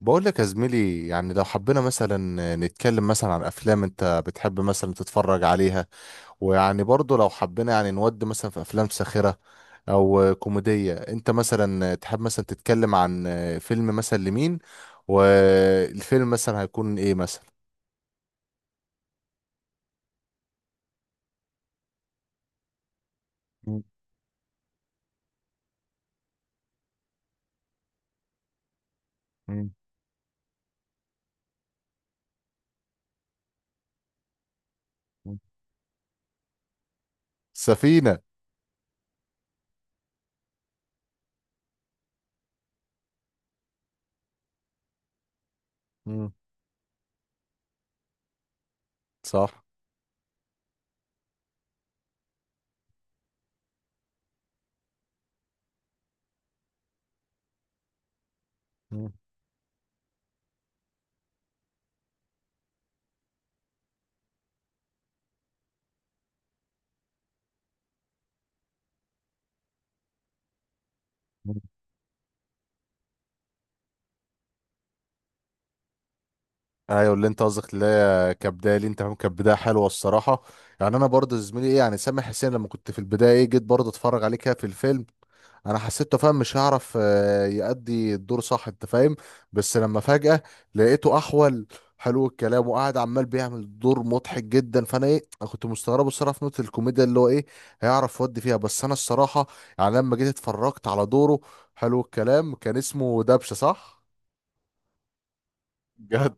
بقول لك يا زميلي، يعني لو حبينا مثلا نتكلم مثلا عن افلام انت بتحب مثلا تتفرج عليها. ويعني برضو لو حبينا يعني نود مثلا في افلام ساخرة او كوميدية، انت مثلا تحب مثلا تتكلم عن فيلم مثلا لمين؟ والفيلم مثلا هيكون ايه مثلا؟ مم. مم. مم. سفينة. مم. صح. ايوه، اللي انت قصدك اللي هي كبدايه لي انت فاهم، كانت بدايه حلوه الصراحه. يعني انا برضه زميلي ايه، يعني سامح حسين لما كنت في البدايه ايه جيت برضه اتفرج عليه كده في الفيلم، انا حسيته فاهم مش هيعرف يأدي الدور صح انت فاهم. بس لما فجأة لقيته احول حلو الكلام وقاعد عمال بيعمل دور مضحك جدا، فانا ايه أنا كنت مستغربه الصراحه في نقطه الكوميديا اللي هو ايه هيعرف يودي فيها. بس انا الصراحه يعني لما جيت اتفرجت على دوره حلو الكلام. كان اسمه دبشه صح؟ جدع.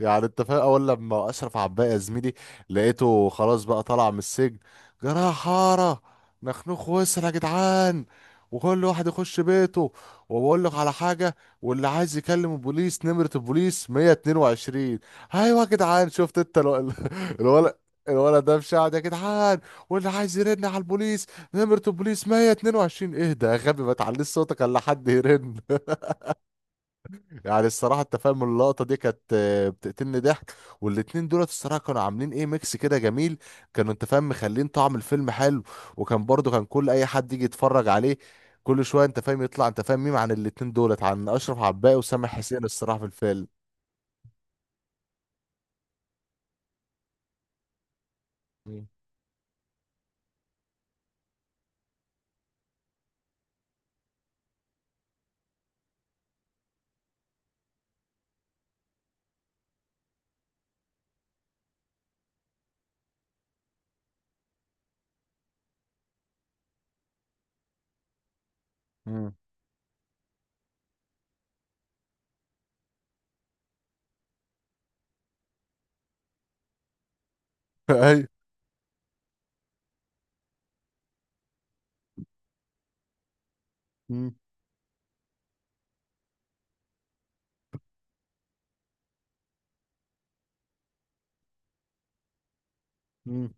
يعني انت فاهم، اول لما اشرف عباقي يا زميلي لقيته خلاص بقى طالع من السجن، جراح حاره نخنوخ وسر يا جدعان وكل واحد يخش بيته، وبقول لك على حاجه، واللي عايز يكلم البوليس نمره البوليس 122. ايوه يا جدعان، شفت انت الولد. الولد ده مشاعر يا جدعان، واللي عايز يرن على البوليس نمرة البوليس 122، ايه ده يا غبي ما تعليش صوتك الا حد يرن. يعني الصراحة انت فاهم اللقطة دي كانت بتقتلني ضحك. والاتنين دولت الصراحة كانوا عاملين ايه ميكس كده جميل، كانوا انت فاهم مخلين طعم الفيلم حلو. وكان برضو كل اي حد يجي يتفرج عليه كل شوية انت فاهم يطلع انت فاهم ميم عن الاتنين دولت، عن اشرف عباقي وسامح حسين الصراحة في الفيلم. مم. مم. ايوه. مم. مم.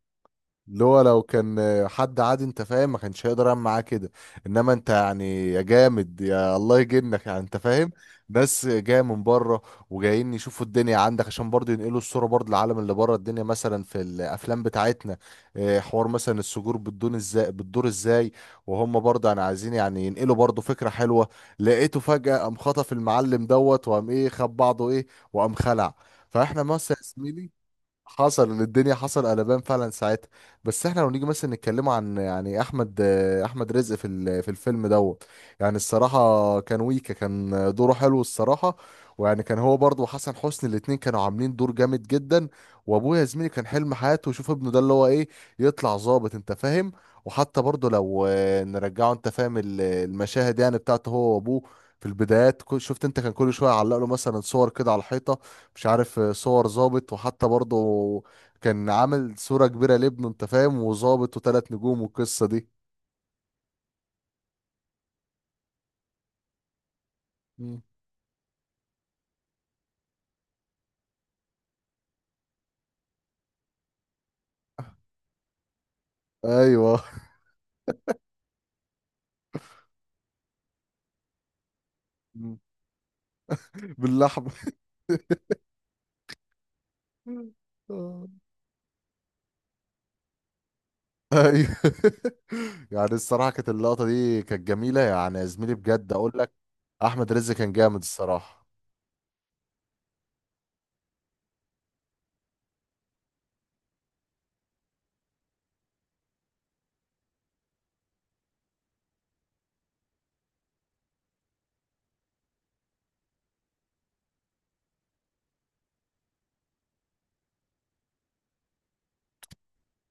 اللي هو لو كان حد عادي انت فاهم ما كانش هيقدر يعمل معاه كده، انما انت يعني يا جامد يا الله يجنك يعني انت فاهم. ناس جايه من بره وجايين يشوفوا الدنيا عندك عشان برضه ينقلوا الصوره برضه للعالم اللي بره، الدنيا مثلا في الافلام بتاعتنا اه، حوار مثلا السجور بتدور ازاي بتدور ازاي، وهم برضه يعني عايزين يعني ينقلوا برضه فكره حلوه. لقيته فجاه قام خطف المعلم دوت وقام ايه خد بعضه ايه وقام خلع، فاحنا مثلا يا زميلي حصل إن الدنيا حصل قلبان فعلا ساعتها. بس احنا لو نيجي مثلا نتكلم عن يعني احمد رزق في في الفيلم دوت، يعني الصراحه كان ويكا كان دوره حلو الصراحه. ويعني كان هو برضه وحسن حسني الاتنين كانوا عاملين دور جامد جدا. وابويا يا زميلي كان حلم حياته يشوف ابنه ده اللي هو ايه يطلع ظابط انت فاهم. وحتى برضه لو نرجعه انت فاهم المشاهد يعني بتاعته هو وابوه، في البدايات شفت انت كان كل شويه يعلق له مثلا صور كده على الحيطه، مش عارف صور ظابط. وحتى برضه كان عامل صورة كبيرة لابنه انت فاهم وظابط وثلاث نجوم والقصة دي. مم. ايوه. مم. باللحمة. آه. ايوه. يعني الصراحة كانت اللقطة دي كانت جميلة يعني يا زميلي، بجد اقول لك احمد رزق كان جامد الصراحة.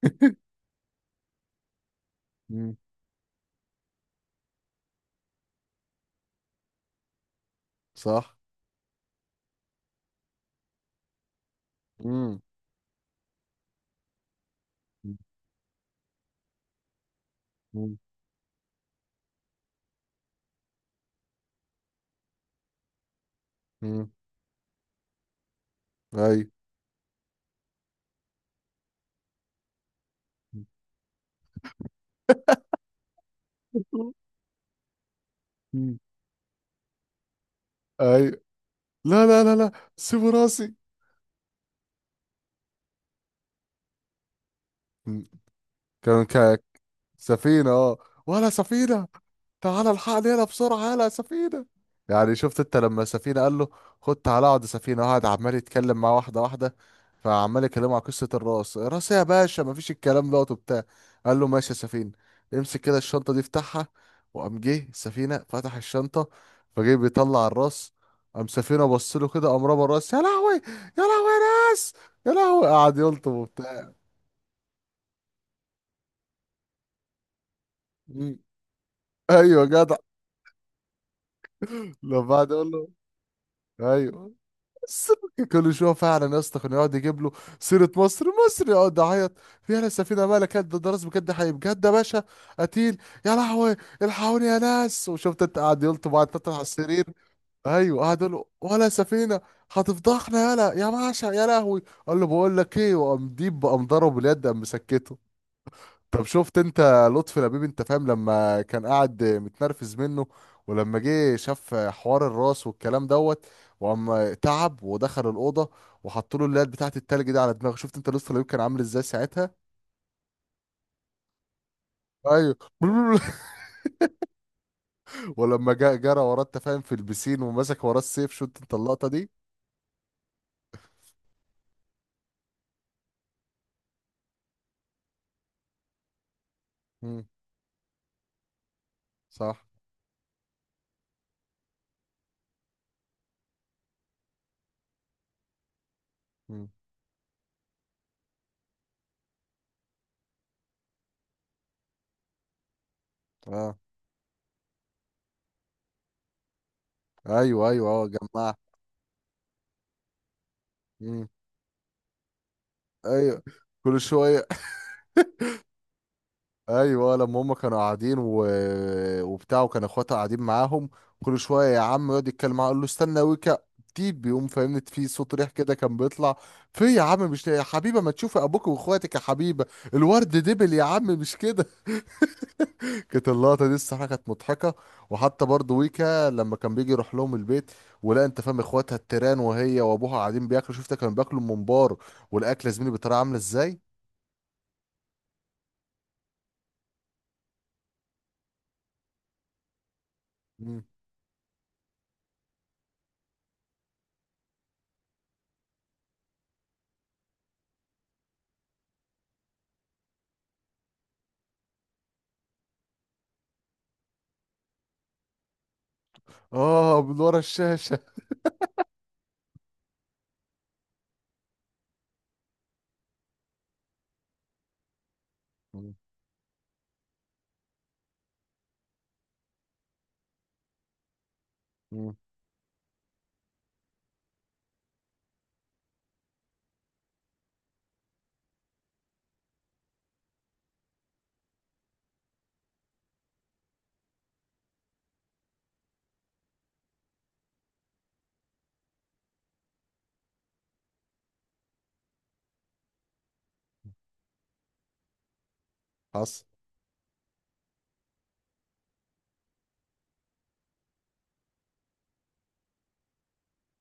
مم. صح. امم. مم. امم. ايوه. مم. ايوه، لا لا لا لا سيبوا راسي. مم. كان. سفينة اه. ولا سفينة. تعال الحقني هنا بسرعة يلا يا سفينة. يعني شفت انت لما سفينة قال له خد تعالى اقعد يا سفينة، قعد عمال يتكلم معاه واحدة واحدة، فعمال يكلمه على قصة الراس، راس إيه يا باشا مفيش، الكلام دوت وبتاع. قال له ماشي يا سفينة امسك كده الشنطة دي افتحها، وقام جه السفينة فتح الشنطة فجه بيطلع الراس. قام سفينة بص له كده قام رمى الراس، يا لهوي يا لهوي يا ناس يا لهوي، قعد يلطم وبتاع. مم. ايوه جدع. لما قعد يقول له، ايوه. كل شويه فعلا يا اسطى كان يقعد يجيب له سيره مصر، مصر يقعد يعيط فيها السفينه، مالك قد ده، راس بجد حقيقي بجد يا باشا قتيل، يا لهوي الحقوني يا ناس. وشفت انت قاعد يلطم بعد تطلع على السرير. ايوه قعد يقول له ولا سفينه، هتفضحنا يلا يا باشا يا لهوي. قال له بقول لك ايه، وقام ديب قام ضربه باليد قام مسكته. طب شفت انت لطفي لبيب انت فاهم لما كان قاعد متنرفز منه، ولما جه شاف حوار الراس والكلام دوت، وقام تعب ودخل الأوضة وحط له اللات بتاعت التلج دي على دماغه، شفت انت لطفي لبيب كان عامل ازاي ساعتها. ايوه. ولما جاء جرى وراه انت فاهم في البسين ومسك وراه السيف، شفت انت اللقطة دي. مم. صح. مم. اه. ايوه ايوه اه جمع. مم. ايوه كل شوية. ايوه لما هم كانوا قاعدين و... وبتاع، وكان اخواتها قاعدين معاهم، كل شويه يا عم يقعد يتكلم معاه يقول له استنى ويكا، تيب بيقوم فاهمني في صوت ريح كده كان بيطلع، في يا عم مش يا حبيبه ما تشوفي ابوك واخواتك يا حبيبه الورد دبل يا عم مش كده. كانت اللقطه دي الصراحه كانت مضحكه. وحتى برضه ويكا لما كان بيجي يروح لهم البيت، ولا انت فاهم اخواتها التيران وهي وابوها قاعدين بياكلوا، شفت كانوا بياكلوا الممبار والاكله زميلي بتراعي عامله ازاي. مم. اه من ورا الشاشه. مم. مم. حصل.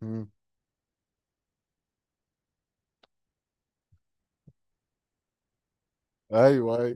مم. ايوه اي.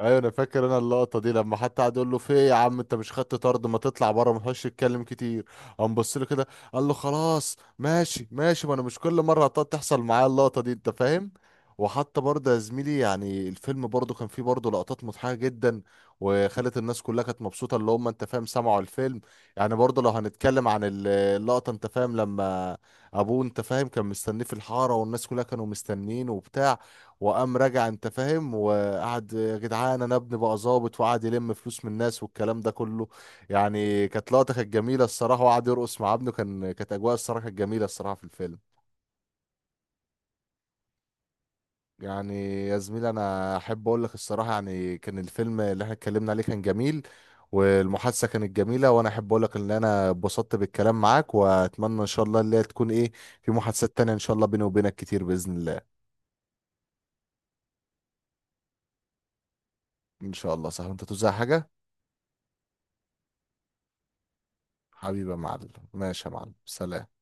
ايوه انا فاكر انا اللقطه دي لما حتى قعد يقول له في ايه يا عم انت مش خدت طرد، ما تطلع بره ما تخش تتكلم كتير، قام بص له كده قال له خلاص ماشي ماشي، ما انا مش كل مره هتقعد تحصل معايا اللقطه دي انت فاهم. وحتى برضه يا زميلي يعني الفيلم برضه كان فيه برضه لقطات مضحكه جدا وخلت الناس كلها كانت مبسوطه اللي هم انت فاهم سمعوا الفيلم. يعني برضه لو هنتكلم عن اللقطه انت فاهم لما ابوه انت فاهم كان مستنيه في الحاره والناس كلها كانوا مستنيين وبتاع، وقام راجع انت فاهم قعد يا جدعان انا ابني بقى ظابط، وقعد يلم فلوس من الناس والكلام ده كله. يعني كانت لقطه كانت جميله الصراحه، وقعد يرقص مع ابنه، كان كانت اجواء الصراحه كانت جميله الصراحه في الفيلم. يعني يا زميلي انا احب اقول لك الصراحه يعني كان الفيلم اللي احنا اتكلمنا عليه كان جميل، والمحادثه كانت جميله، وانا احب اقول لك ان انا اتبسطت بالكلام معاك واتمنى ان شاء الله اللي هي تكون ايه في محادثات تانية ان شاء الله بيني وبينك كتير باذن الله. ان شاء الله صح، انت توزع حاجه. حبيبي يا معلم. ماشي يا معلم سلام.